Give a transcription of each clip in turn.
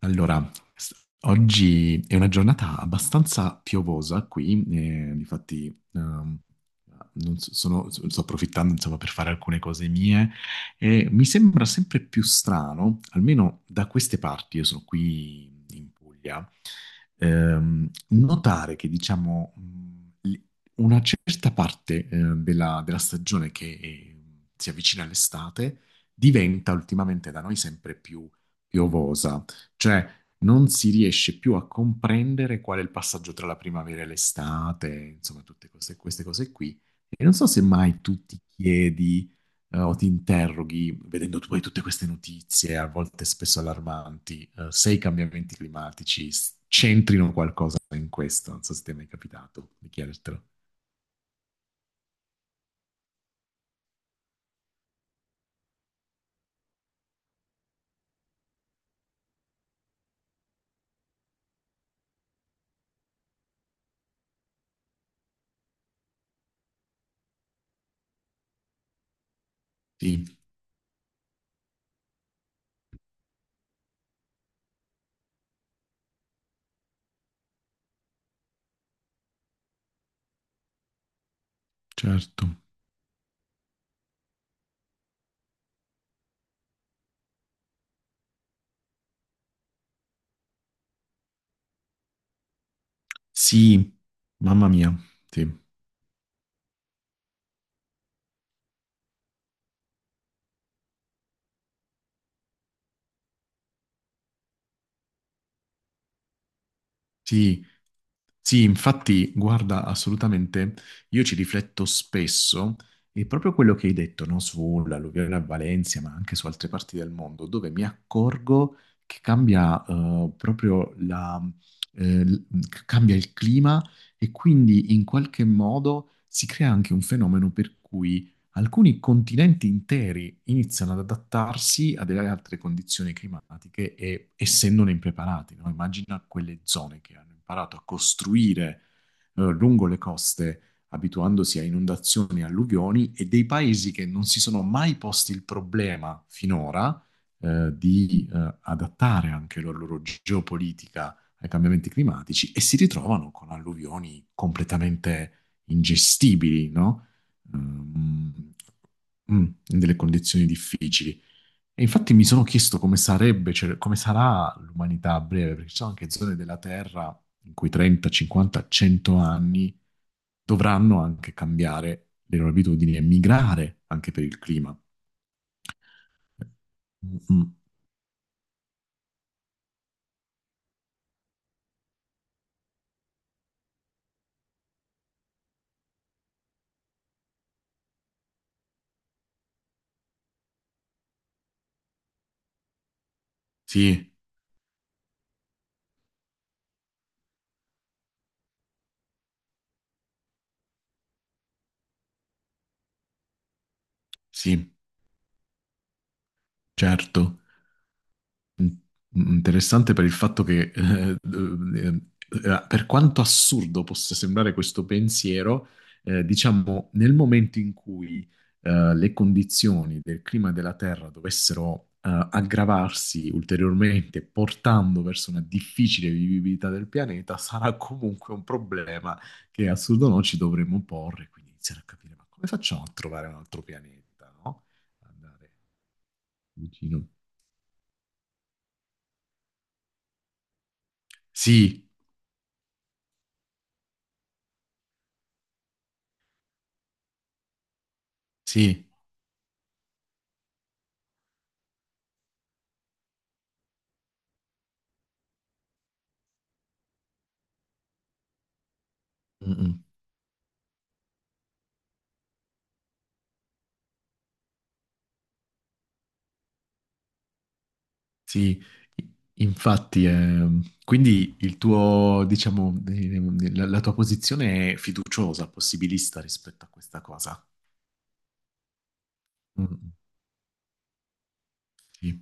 Allora, s- oggi è una giornata abbastanza piovosa qui, difatti, ehm, non so- sono- sto approfittando insomma, per fare alcune cose mie. E mi sembra sempre più strano, almeno da queste parti. Io sono qui in Puglia, notare che diciamo, una certa parte della stagione che si avvicina all'estate diventa ultimamente da noi sempre più piovosa. Cioè, non si riesce più a comprendere qual è il passaggio tra la primavera e l'estate, insomma, queste cose qui. E non so se mai tu ti chiedi, o ti interroghi, vedendo tu poi tutte queste notizie, a volte spesso allarmanti, se i cambiamenti climatici c'entrino qualcosa in questo. Non so se ti è mai capitato di chiedertelo. Sì, certo. Sì, mamma mia, sì. Sì, sì, infatti, guarda, assolutamente, io ci rifletto spesso e proprio quello che hai detto, no, sull'alluvione a Valencia, ma anche su altre parti del mondo, dove mi accorgo che cambia proprio la, l- cambia il clima. E quindi in qualche modo si crea anche un fenomeno per cui alcuni continenti interi iniziano ad adattarsi a delle altre condizioni climatiche e essendone impreparati, no? Immagina quelle zone che hanno imparato a costruire lungo le coste, abituandosi a inondazioni e alluvioni, e dei paesi che non si sono mai posti il problema finora, di adattare anche la loro geopolitica ai cambiamenti climatici e si ritrovano con alluvioni completamente ingestibili, no? ehm, In delle condizioni difficili. E infatti mi sono chiesto come sarebbe, cioè, come sarà l'umanità a breve, perché ci sono anche zone della Terra in cui 30, 50, 100 anni dovranno anche cambiare le loro abitudini e migrare anche per il clima. Mm, mm, sì, sì, certo. Mm, Interessante per il fatto che, eh, per quanto assurdo possa sembrare questo pensiero, diciamo, nel momento in cui, le condizioni del clima della Terra dovessero, aggravarsi ulteriormente, portando verso una difficile vivibilità del pianeta, sarà comunque un problema che assurdo no ci dovremmo porre, quindi iniziare a capire, ma come facciamo a trovare un altro pianeta, no? Andare vicino. Sì, sì. Mm, sì. i- infatti, quindi il tuo, diciamo, la tua posizione è fiduciosa, possibilista rispetto a questa cosa. Mm, sì.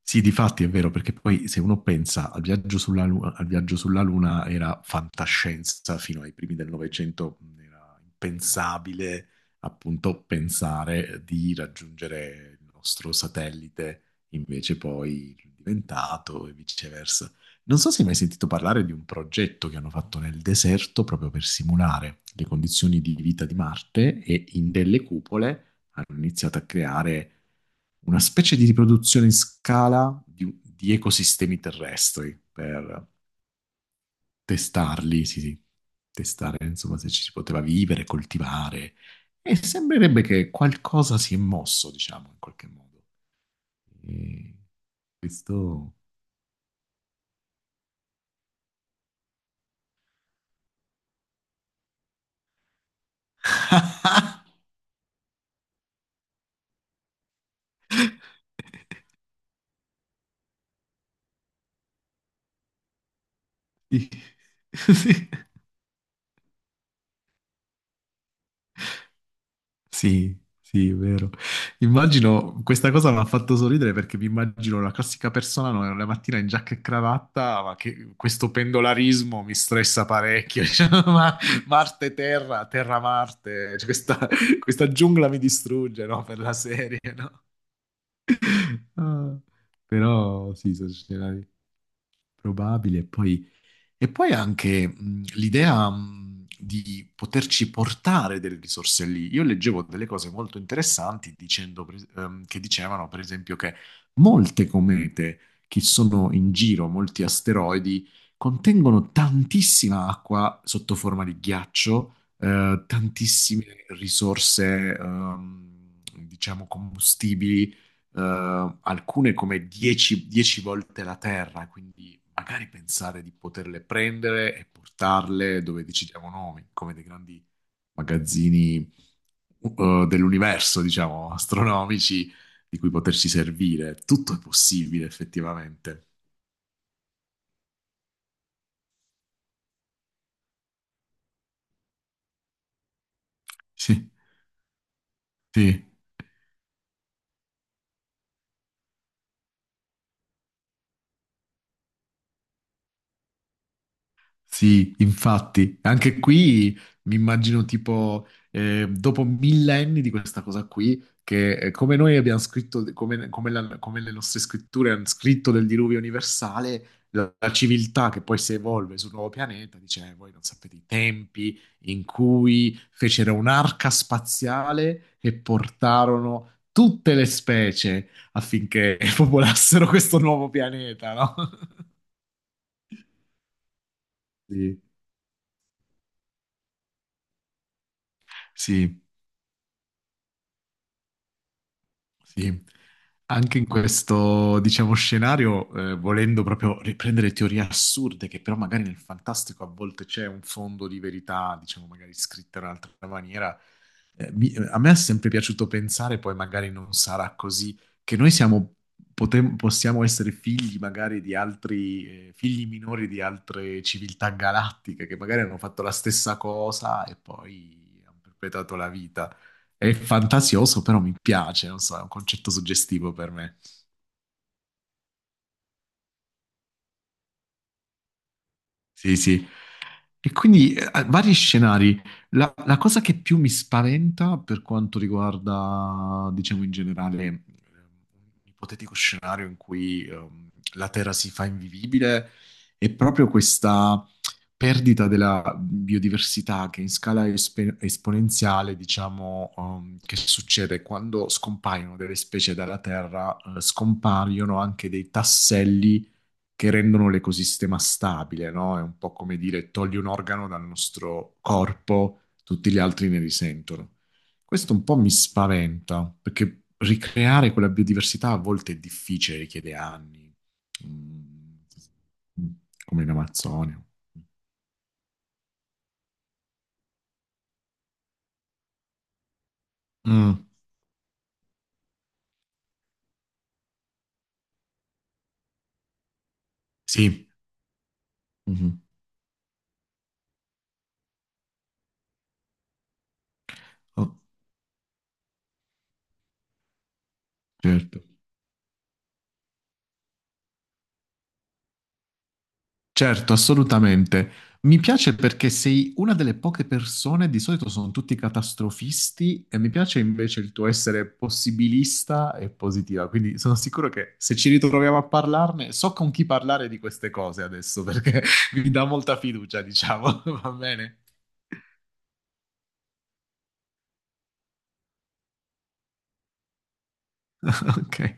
Sì, difatti è vero, perché poi se uno pensa al viaggio sulla Luna era fantascienza fino ai primi del Novecento, era impensabile appunto pensare di raggiungere il nostro satellite, invece poi è diventato e viceversa. Non so se hai mai sentito parlare di un progetto che hanno fatto nel deserto proprio per simulare le condizioni di vita di Marte e in delle cupole hanno iniziato a creare una specie di riproduzione in scala di ecosistemi terrestri per testarli, sì, sì, testare insomma se ci si poteva vivere, coltivare. E sembrerebbe che qualcosa si è mosso, diciamo, in qualche modo. E questo. Sì. Sì. Sì, sì, è vero. Immagino, questa cosa mi ha fatto sorridere perché mi immagino la classica persona, no, la mattina in giacca e cravatta, ma che questo pendolarismo mi stressa parecchio. Cioè, ma Marte-Terra, Terra-Marte, cioè, questa giungla mi distrugge, no, per la serie, no? Ah, però sì, sono scenari probabili, e poi anche l'idea, di poterci portare delle risorse lì. Io leggevo delle cose molto interessanti dicendo, che dicevano, per esempio, che molte comete che sono in giro, molti asteroidi, contengono tantissima acqua sotto forma di ghiaccio, tantissime risorse, diciamo, combustibili, alcune come 10 volte la Terra, quindi magari pensare di poterle prendere e portarle dove decidiamo noi, come dei grandi magazzini dell'universo, diciamo, astronomici, di cui poterci servire. Tutto è possibile effettivamente. Sì, sì. Sì, infatti, anche qui mi immagino tipo, dopo millenni di questa cosa qui, che come noi abbiamo scritto, come le nostre scritture hanno scritto del diluvio universale, la civiltà che poi si evolve sul nuovo pianeta dice, voi non sapete i tempi in cui fecero un'arca spaziale e portarono tutte le specie affinché popolassero questo nuovo pianeta, no?" Sì. Sì. Sì, anche in questo, diciamo, scenario, volendo proprio riprendere teorie assurde, che però magari nel fantastico a volte c'è un fondo di verità, diciamo, magari scritta in un'altra maniera, a me è sempre piaciuto pensare, poi magari non sarà così, che noi possiamo essere figli magari di altri, figli minori di altre civiltà galattiche, che magari hanno fatto la stessa cosa e poi hanno perpetrato la vita. È fantasioso, però mi piace, non so, è un concetto suggestivo per me. Sì, sì. E quindi, vari scenari. La cosa che più mi spaventa per quanto riguarda, diciamo in generale, un ipotetico scenario in cui la Terra si fa invivibile è proprio questa perdita della biodiversità che in scala esponenziale, diciamo, che succede quando scompaiono delle specie dalla Terra, scompaiono anche dei tasselli che rendono l'ecosistema stabile, no? È un po' come dire togli un organo dal nostro corpo, tutti gli altri ne risentono. Questo un po' mi spaventa, perché ricreare quella biodiversità a volte è difficile, richiede anni, mm, come in Amazzonia. Mm, sì, mhm. Oh, certo. Certo, assolutamente. Mi piace perché sei una delle poche persone, di solito sono tutti catastrofisti, e mi piace invece il tuo essere possibilista e positiva. Quindi sono sicuro che se ci ritroviamo a parlarne, so con chi parlare di queste cose adesso, perché mi dà molta fiducia, diciamo. Va bene? Ok.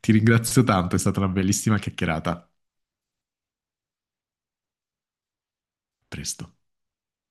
Ti ringrazio tanto, è stata una bellissima chiacchierata. A presto.